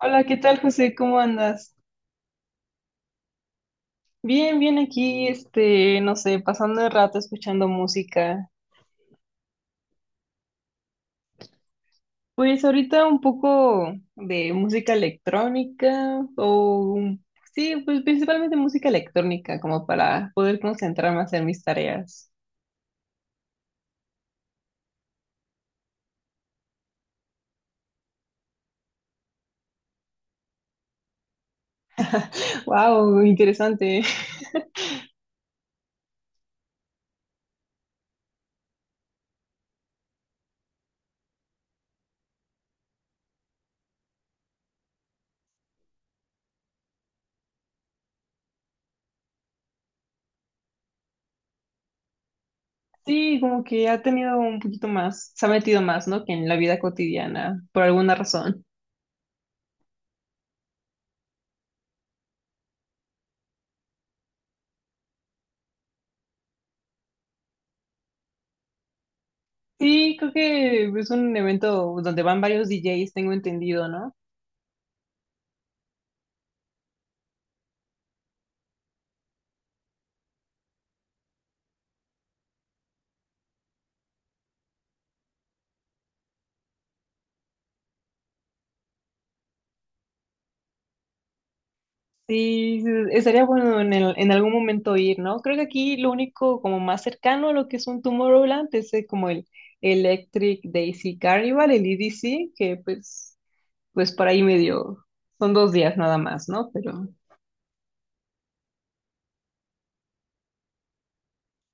Hola, ¿qué tal, José? ¿Cómo andas? Bien, bien aquí, este, no sé, pasando el rato escuchando música. Pues ahorita un poco de música electrónica o sí, pues principalmente música electrónica como para poder concentrarme a hacer mis tareas. Wow, interesante. Sí, como que ha tenido un poquito más, se ha metido más, ¿no? Que en la vida cotidiana, por alguna razón. Sí, creo que es un evento donde van varios DJs, tengo entendido, ¿no? Sí, sí, estaría bueno en en algún momento ir, ¿no? Creo que aquí lo único como más cercano a lo que es un Tomorrowland es como el Electric Daisy Carnival, el EDC, que pues por ahí medio, son 2 días nada más, ¿no? Pero,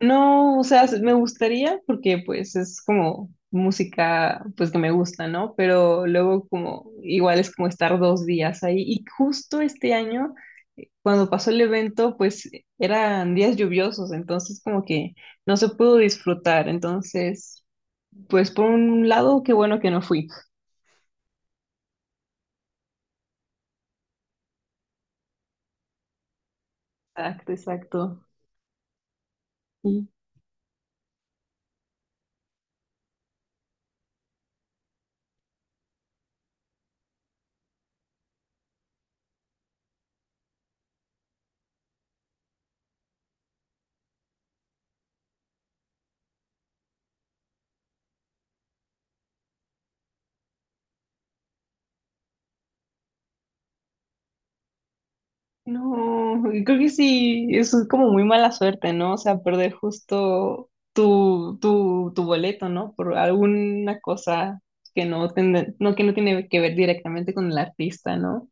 no, o sea, me gustaría porque pues es como música pues que me gusta, ¿no? Pero luego como igual es como estar 2 días ahí. Y justo este año, cuando pasó el evento, pues eran días lluviosos, entonces como que no se pudo disfrutar. Entonces, pues por un lado, qué bueno que no fui. Exacto, exacto. No, y creo que sí, eso es como muy mala suerte, ¿no? O sea, perder justo tu boleto, ¿no? Por alguna cosa que no, no, que no tiene que ver directamente con el artista, ¿no?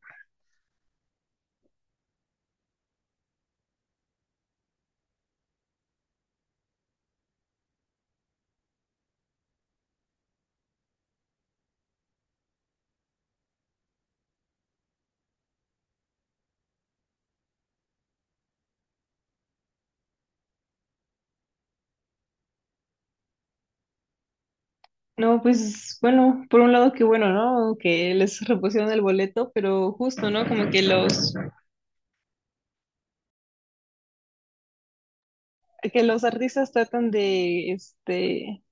No, pues bueno, por un lado que bueno, ¿no? Que les repusieron el boleto, pero justo, ¿no? Como que que los artistas tratan de, este,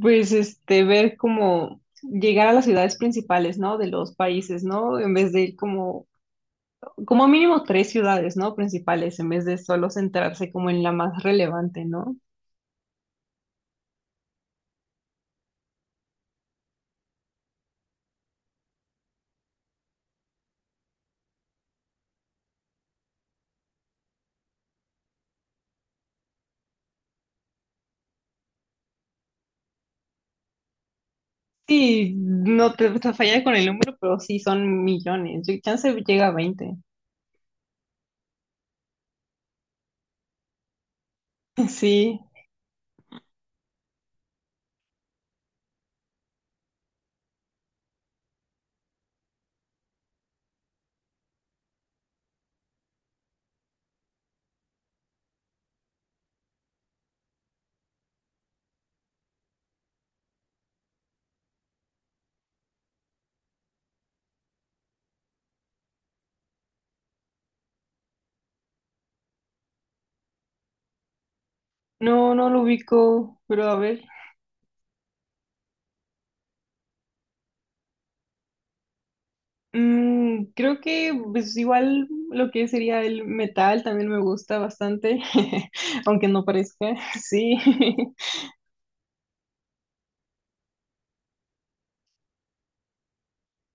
pues, este, ver como llegar a las ciudades principales, ¿no? De los países, ¿no? En vez de ir como mínimo tres ciudades, ¿no? Principales, en vez de solo centrarse como en la más relevante, ¿no? Sí, no te falla con el número, pero sí son millones. Chance llega a 20. Sí, no, no lo ubico, pero a ver. Creo que pues igual lo que sería el metal también me gusta bastante, aunque no parezca, sí.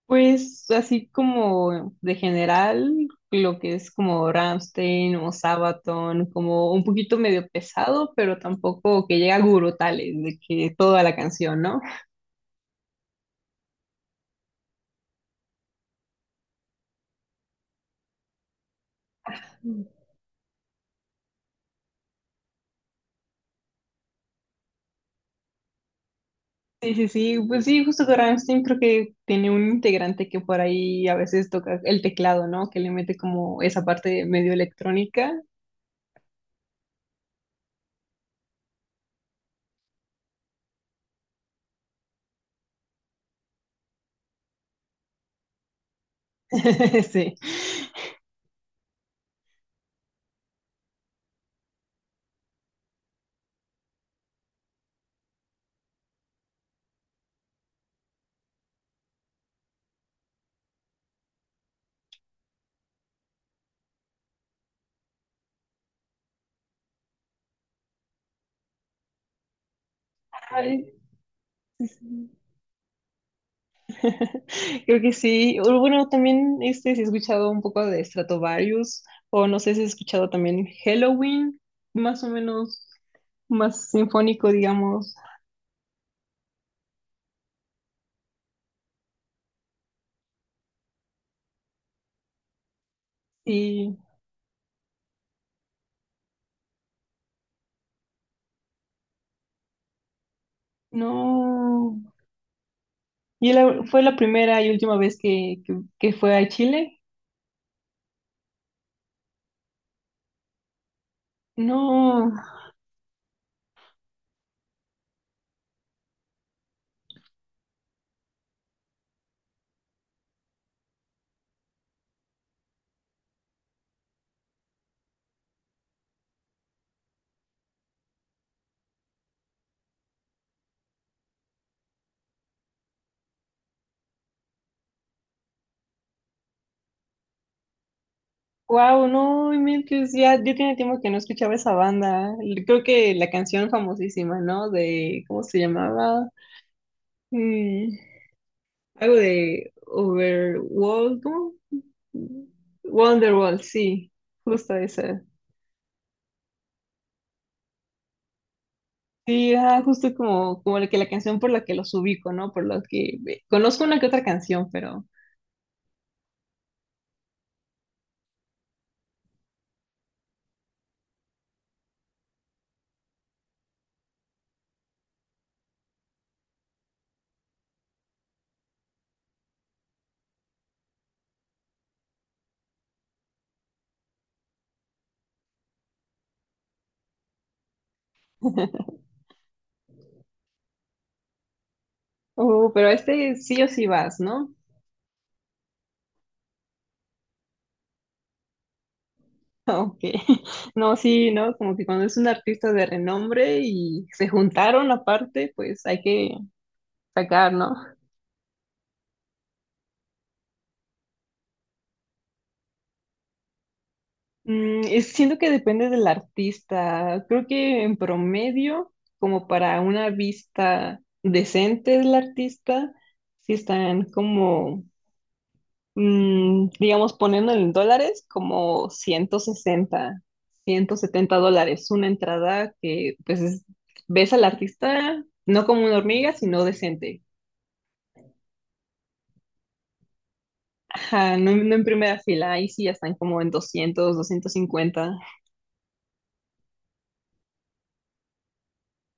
Pues así como de general, lo que es como Rammstein o Sabaton, como un poquito medio pesado, pero tampoco que llega a gurutales de que toda la canción, ¿no? Sí, sí, sí, pues sí, justo que Rammstein creo que tiene un integrante que por ahí a veces toca el teclado, ¿no? Que le mete como esa parte medio electrónica. Sí. Ay, sí, sí. Creo que sí. O bueno, también este, si he escuchado un poco de Stratovarius, o no sé si he escuchado también Halloween, más o menos más sinfónico, digamos. Y no. Y fue la primera y última vez que fue a Chile. No, wow, no, inventes, ya, ya tiene tiempo que no escuchaba esa banda. Creo que la canción famosísima, ¿no? De, ¿cómo se llamaba? Mm, Algo de Overworld, Wonderwall, sí, justo esa. Sí, ah, justo como, la que la canción por la que los ubico, ¿no? Por lo que conozco una que otra canción, pero. Oh, pero a este sí o sí vas, ¿no? Ok. No, sí, ¿no? Como que cuando es un artista de renombre y se juntaron aparte, pues hay que sacar, ¿no? Siento que depende del artista. Creo que en promedio, como para una vista decente del artista, si están como, digamos, poniendo en dólares, como $160-$170. Una entrada que, pues, ves al artista no como una hormiga, sino decente. Ajá, no, no en primera fila. Ahí sí ya están como en 200-250.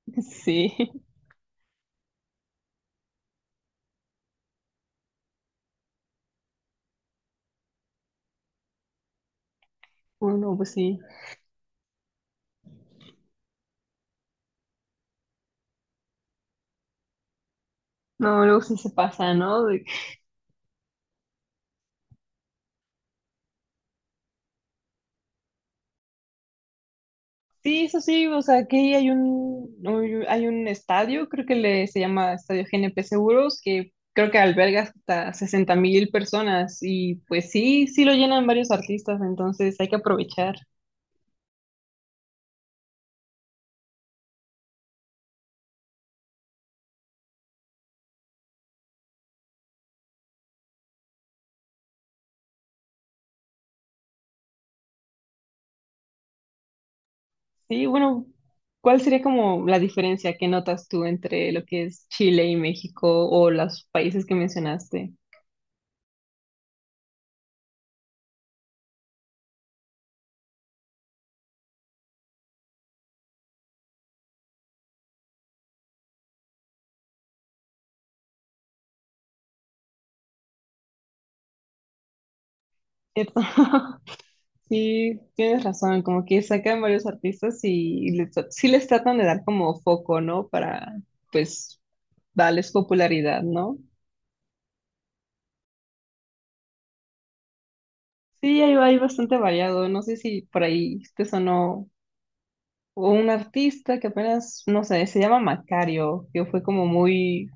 Sí. Bueno, pues sí. No, luego sí se pasa, ¿no? Sí, eso sí, o sea, aquí hay hay un estadio, creo que le, se llama Estadio GNP Seguros, que creo que alberga hasta 60,000 personas y pues sí, sí lo llenan varios artistas, entonces hay que aprovechar. Sí, bueno, ¿cuál sería como la diferencia que notas tú entre lo que es Chile y México o los países que mencionaste? ¿Cierto? Sí, tienes razón, como que sacan varios artistas y sí les tratan de dar como foco, ¿no? Para, pues, darles popularidad, ¿no? Sí, hay bastante variado, no sé si por ahí te sonó un artista que apenas, no sé, se llama Macario, que fue como muy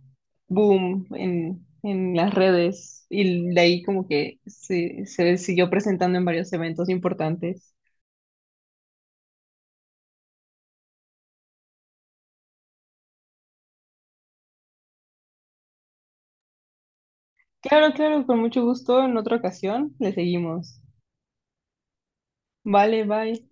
boom en las redes y de ahí como que se siguió presentando en varios eventos importantes. Claro, claro, con mucho gusto, en otra ocasión le seguimos. Vale, bye.